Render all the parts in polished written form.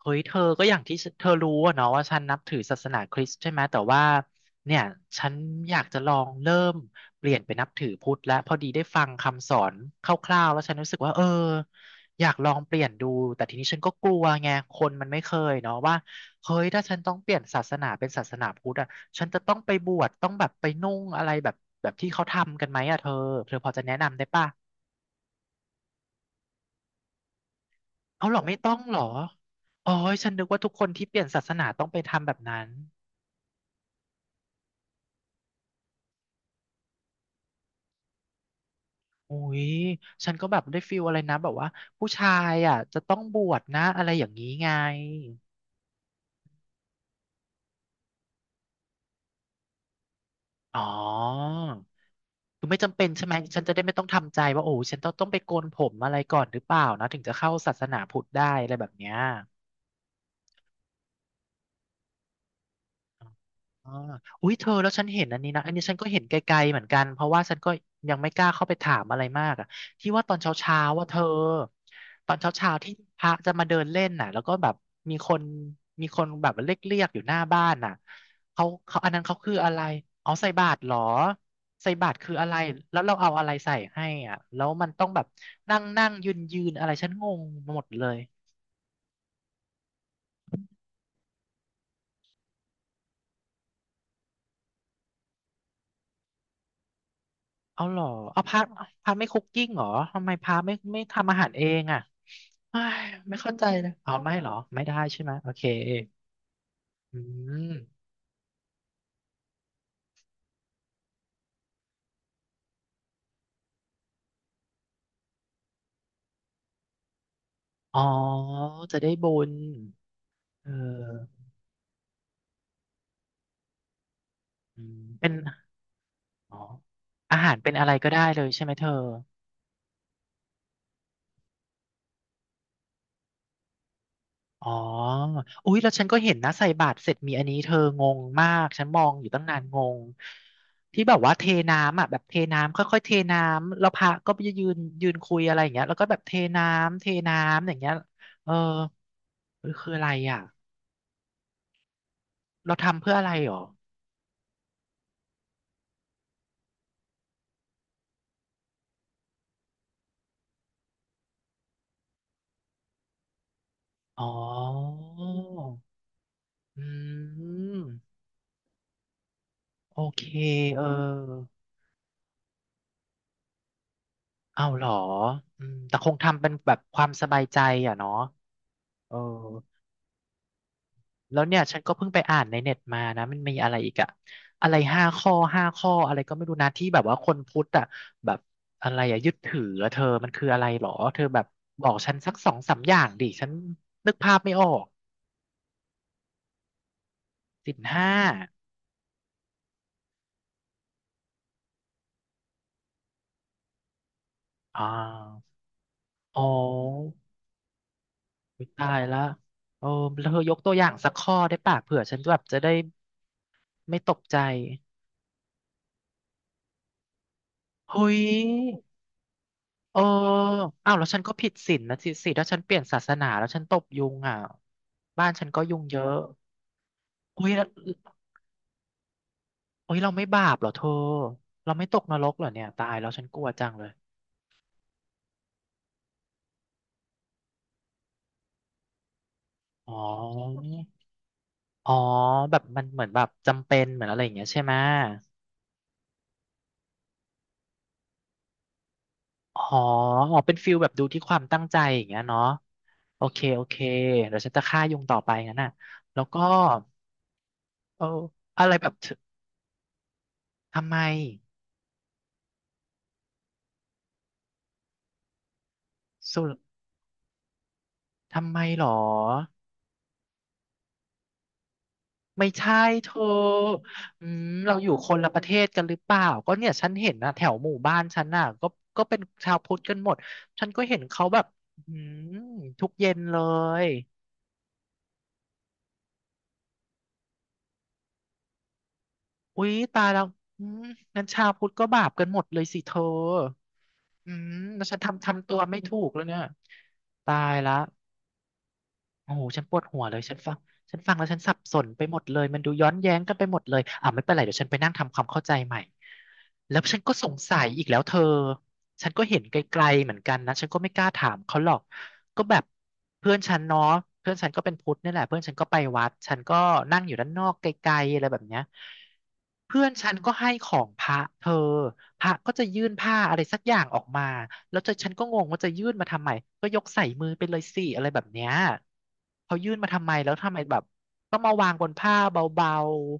เฮ้ยเธอก็อย่างที่เธอรู้อะเนาะว่าฉันนับถือศาสนาคริสต์ใช่ไหมแต่ว่าเนี่ยฉันอยากจะลองเริ่มเปลี่ยนไปนับถือพุทธและพอดีได้ฟังคำสอนคร่าวๆแล้วฉันรู้สึกว่าเอออยากลองเปลี่ยนดูแต่ทีนี้ฉันก็กลัวไงคนมันไม่เคยเนาะว่าเฮ้ยถ้าฉันต้องเปลี่ยนศาสนาเป็นศาสนาพุทธอะฉันจะต้องไปบวชต้องแบบไปนุ่งอะไรแบบแบบที่เขาทำกันไหมอะเธอเธอพอจะแนะนำได้ป่ะเอาเหรอไม่ต้องเหรออ๋อฉันนึกว่าทุกคนที่เปลี่ยนศาสนาต้องไปทำแบบนั้น อุ้ยฉันก็แบบได้ฟีลอะไรนะแบบว่าผู้ชายอ่ะจะต้องบวชนะอะไรอย่างนี้ไง อ๋อ คือไม่จำเป็นใช่ไหม ฉันจะได้ไม่ต้องทำใจว่าโอ้ฉันต้องไปโกนผมอะไรก่อนหรือเปล่านะถึงจะเข้าศาสนาพุทธได้อะไรแบบเนี้ย อ่าอุ้ยเธอแล้วฉันเห็นอันนี้นะอันนี้ฉันก็เห็นไกลๆเหมือนกันเพราะว่าฉันก็ยังไม่กล้าเข้าไปถามอะไรมากอ่ะที่ว่าตอนเช้าๆว่าเธอตอนเช้าๆที่พระจะมาเดินเล่นน่ะแล้วก็แบบมีคนมีคนแบบเรียกๆอยู่หน้าบ้านน่ะเขาอันนั้นเขาคืออะไรอ๋อใส่บาตรเหรอใส่บาตรคืออะไรแล้วเราเอาอะไรใส่ให้อ่ะแล้วมันต้องแบบนั่งนั่งยืนยืนอะไรฉันงงหมดเลยเอาเหรอเอาพระพระไม่คุกกิ้งเหรอทำไมพระไม่ทำอาหารเองอ่ะ เอ้ยไม่เข้าใจเลยเอาไม่เหรอไม่ได้ใช่ไหมโอเคอืมอ๋อจะได้บุญเอออืมเป็นอ๋ออาหารเป็นอะไรก็ได้เลยใช่ไหมเธออ๋ออุ๊ยแล้วฉันก็เห็นนะใส่บาตรเสร็จมีอันนี้เธองงมากฉันมองอยู่ตั้งนานงงที่แบบว่าเทน้ำอ่ะแบบเทน้ำค่อยๆเทน้ำแล้วพระก็ไปยืนยืนคุยอะไรอย่างเงี้ยแล้วก็แบบเทน้ำเทน้ำอย่างเงี้ยเออเออคืออะไรอ่ะเราทำเพื่ออะไรหรอ อ๋ออืมโอเคเออ เอาเหรออืมแต่คงทำเป็นแบบความสบายใจอ่ะเนาะเออแล้วเนี่ยฉันก็เพิ่งไปอ่านในเน็ตมานะ มันมีอะไรอีกอะอะไร5 ข้อ 5 ข้ออะไรก็ไม่รู้นะที่แบบว่าคนพุทธอะแบบอะไรอะยึดถืออะเธอ มันคืออะไรหรอเธอแบบบอกฉันสักสองสามอย่างดิฉันนึกภาพไม่ออกศีลห้าอ่าอ๋อ อุ๊ยตายละโอ้แล้วเธอยกตัวอย่างสักข้อได้ป่ะเผื่อฉันแบบจะได้ไม่ตกใจเฮ้ยเอออ้าวแล้วฉันก็ผิดศีลนะสิถ้าฉันเปลี่ยนศาสนา แล้วฉันตบยุงอ่ะบ้านฉันก็ยุงเยอะเฮ้ยแล้วเฮ้ยเราไม่บาปเหรอเธอ เราไม่ตกนรกเหรอเนี่ยตายแล้วฉันกลัวจังเลยอ๋ออ๋อแบบมันเหมือนแบบจำเป็นเหมือนอะไรอย่างเงี้ยใช่ไหมอ๋ออ๋อเป็นฟิลแบบดูที่ความตั้งใจอย่างเงี้ยเนาะ โอเคโอเคเดี๋ยวฉันจะฆ่ายุงต่อไปงั้นน่ะแล้วก็เอออะไรแบบเธอทำไมสุรทำไมหรอ ไม่ใช่เธออืมเราอยู่คนละประเทศกันหรือเปล่าก็เนี่ยฉันเห็นนะแถวหมู่บ้านฉันน่ะก็ก็เป็นชาวพุทธกันหมด ฉันก็เห็นเขาแบบอืมทุกเย็นเลยอุ๊ยตายแล้วอืมงั้นชาวพุทธก็บาปกันหมดเลยสิเธออืมแล้วฉันทำตัวไม่ถูกแล้วเนี่ยตายละ โอ้โหฉันปวดหัวเลยฉันฟังฉันฟังแล้วฉันสับสนไปหมดเลยมันดูย้อนแย้งกันไปหมดเลยอ่าไม่เป็นไรเดี๋ยวฉันไปนั่งทำความเข้าใจใหม่แล้วฉันก็สงสัยอีกแล้วเธอฉันก็เห็นไกลๆเหมือนกันนะฉันก็ไม่กล้าถามเขาหรอกก็แบบเพื่อนฉันเนาะเพื่อนฉันก็เป็นพุทธนี่แหละเพื่อนฉันก็ไปวัดฉันก็นั่งอยู่ด้านนอกไกลๆอะไรแบบเนี้ย เพื่อนฉันก็ให้ของพระเธอพระก็จะยื่นผ้าอะไรสักอย่างออกมาแล้วจะฉันก็งงว่าจะยื่นมาทำไมก็ยกใส่มือไปเลยสิอะไรแบบเนี้ยเขายื่นมาทำไมแล้วทำไมแบบต้องมาวางบนผ้าเบา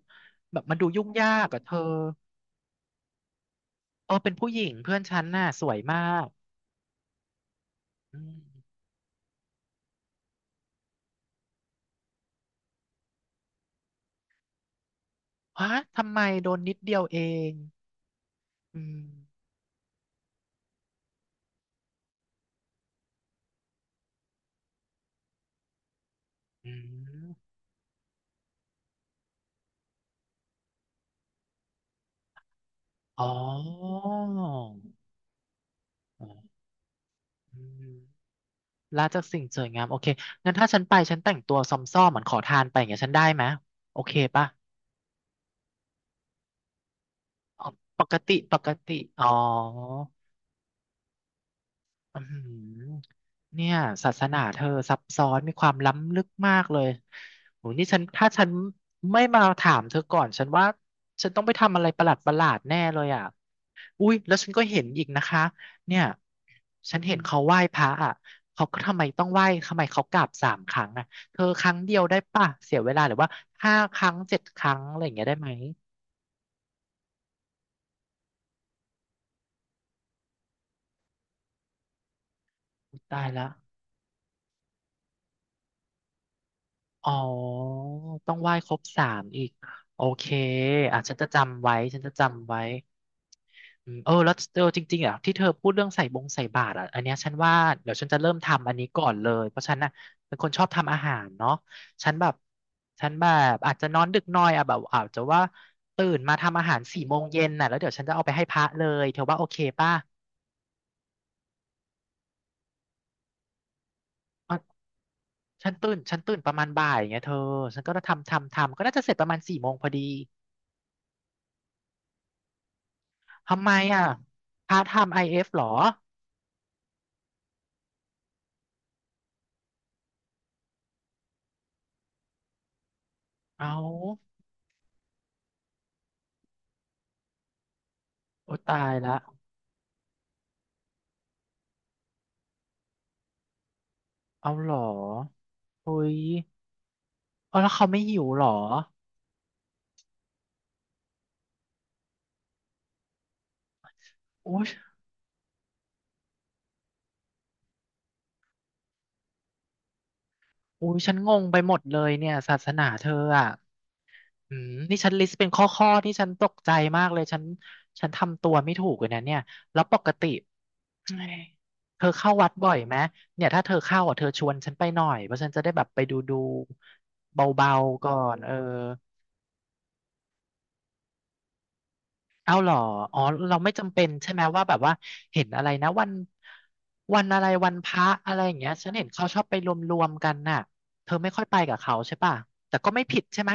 ๆแบบมันดูยุ่งยากอะเธอเออเป็นผู้หญิงเพื่อนฉันน่ะสวยมากอืมฮะทำไมโดนนิดเดียวเองอืมอืมอ๋ออ๋ออืม ละจากสิ่งสวยงามโอเคงั้นถ้าฉันไปฉันแต่งตัวซอมซ่อมเหมือนขอทานไปอย่างเงี้ยฉันได้ไหมโอเคป่ะอ๋อปกติปกติอ๋อ อืมเนี่ยศาสนาเธอซับซ้อนมีความล้ำลึกมากเลยโหนี่ฉันถ้าฉันไม่มาถามเธอก่อนฉันว่าฉันต้องไปทำอะไรประหลาดประหลาดแน่เลยอ่ะอุ้ยแล้วฉันก็เห็นอีกนะคะเนี่ยฉันเห็นเขาไหว้พระอ่ะเขาก็ทำไมต้องไหว้ทำไมเขากราบสามครั้งอ่ะเธอครั้งเดียวได้ป่ะเสียเวลาหรือว่าห้าครั้งเจ็ดครั้งอะไรอย่างเงี้ยได้ไหมอุ๊ยตายละ อ๋อต้องไหว้ครบสามอีกโอเคอ่ะฉันจะจำไว้ฉันจะจำไว้อืมเออแล้วเออจริงๆอ่ะที่เธอพูดเรื่องใส่บงใส่บาตรอ่ะอันเนี้ยฉันว่าเดี๋ยวฉันจะเริ่มทำอันนี้ก่อนเลยเพราะฉันน่ะเป็นคนชอบทำอาหารเนาะฉันแบบฉันแบบอาจจะนอนดึกหน่อยอ่ะแบบอาจจะว่าตื่นมาทำอาหารสี่โมงเย็นน่ะแล้วเดี๋ยวฉันจะเอาไปให้พระเลยเธอว่าโอเคป่ะอ่ะฉันตื่นประมาณบ่ายอย่างเงี้ยเธอฉันก็ทำก็น่าจะเสร็จประมาณสี่โมงพอดี ทำไมอ่ะพาร์ทไทม์ไอเอฟหรอเอาโอ้ตายละเอาหรอโอ้ยเอาแล้วเขาไม่หิวหรออุ้ยอุ้ยฉันงงไปหมดเลยเนี่ยศาสนาเธออ่ะอืมนี่ฉันลิสต์เป็นข้อข้อที่ฉันตกใจมากเลยฉันทำตัวไม่ถูกเลยนะเนี่ยแล้วปกติเอ้ยเธอเข้าวัดบ่อยไหมเนี่ยถ้าเธอเข้าอ่ะเธอชวนฉันไปหน่อยเพราะฉันจะได้แบบไปดูดูเบาๆก่อนเออ เอาเหรออ๋อเราไม่จำเป็นใช่ไหมว่าแบบว่าเห็นอะไรนะวันวันอะไรวันพระอะไรอย่างเงี้ยฉันเห็นเขาชอบไปรวมๆกันน่ะเธอไม่ค่อยไปกับเขาใช่ป่ะแต่ก็ไม่ผิดใช่ไหม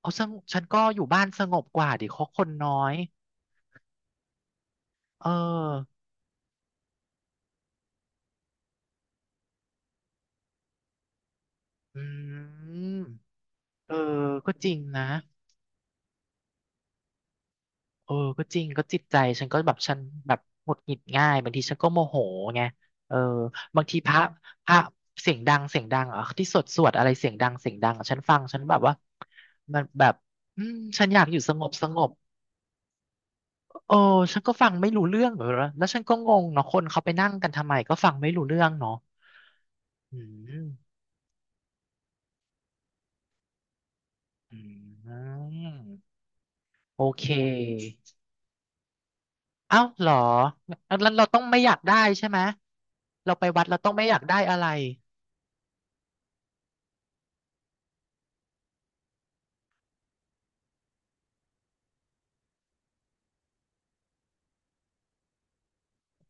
เอาซึ่งฉันก็อยู่บ้านสงบกว่าดิเขาคนน้อยเอออืมเออก็จริงนะ เออก็จริงก็จิตใจฉันก็แบบฉันแบบหงุดหงิดง่ายบางทีฉันก็โมโหไงเออบางทีพระเสียงดังเสียงดังอ่ะที่สวดสวดอะไรเสียงดังเสียงดังอะฉันฟังฉันแบบว่ามันแบบอืมฉันอยากอยู่สงบสงบเออฉันก็ฟังไม่รู้เรื่องเหรอแล้วฉันก็งงเนาะคนเขาไปนั่งกันทำไมก็ฟังไม่รู้เรื่องเนาะอืมอืมโอเคเอ้าเหรองั้นเราต้องไม่อยากได้ใช่ไหมเราไปวัดเราต้องไม่อยากได้อะไร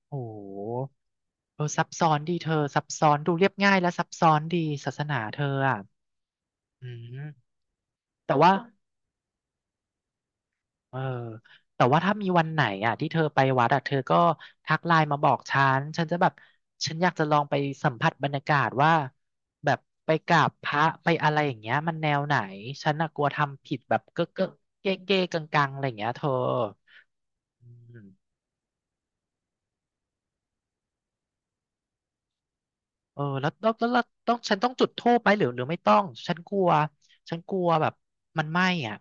โอ้โหเออซับซ้อนดีเธอซับซ้อนดูเรียบง่ายและซับซ้อนดีศาสนาเธออ่ะอืมแต่ว่าเออแต่ว่าถ้ามีวันไหนอ่ะที่เธอไปวัดอ่ะเธอก็ทักไลน์มาบอกฉันฉันจะแบบฉันอยากจะลองไปสัมผัสบรรยากาศว่าแบบไปกราบพระไปอะไรอย่างเงี้ยมันแนวไหนฉันน่ะกลัวทำผิดแบบเก๊ะเก๊ะเก๊ะเก๊ะกังกังๆอะไรอย่างเงี้ยเธออืม เออแล้วต้องฉันต้องจุดธูปไหมหรือหรือไม่ต้องฉันกลัวแบบมันไหม้อ่ะ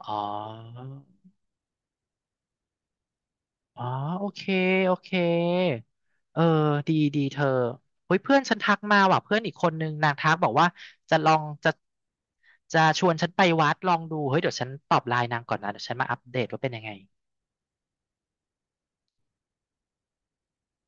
อ๋ออ๋อโอเคโอเคเออดีดีเธอเฮ้ยเพื่อนฉันทักมาว่ะเพื่อนอีกคนนึงนางทักบอกว่าจะลองจะชวนฉันไปวัดลองดูเฮ้ยเดี๋ยวฉันตอบไลน์นางก่อนนะเดี๋ยวฉันมาอัปเดตว่าเป็นยังไง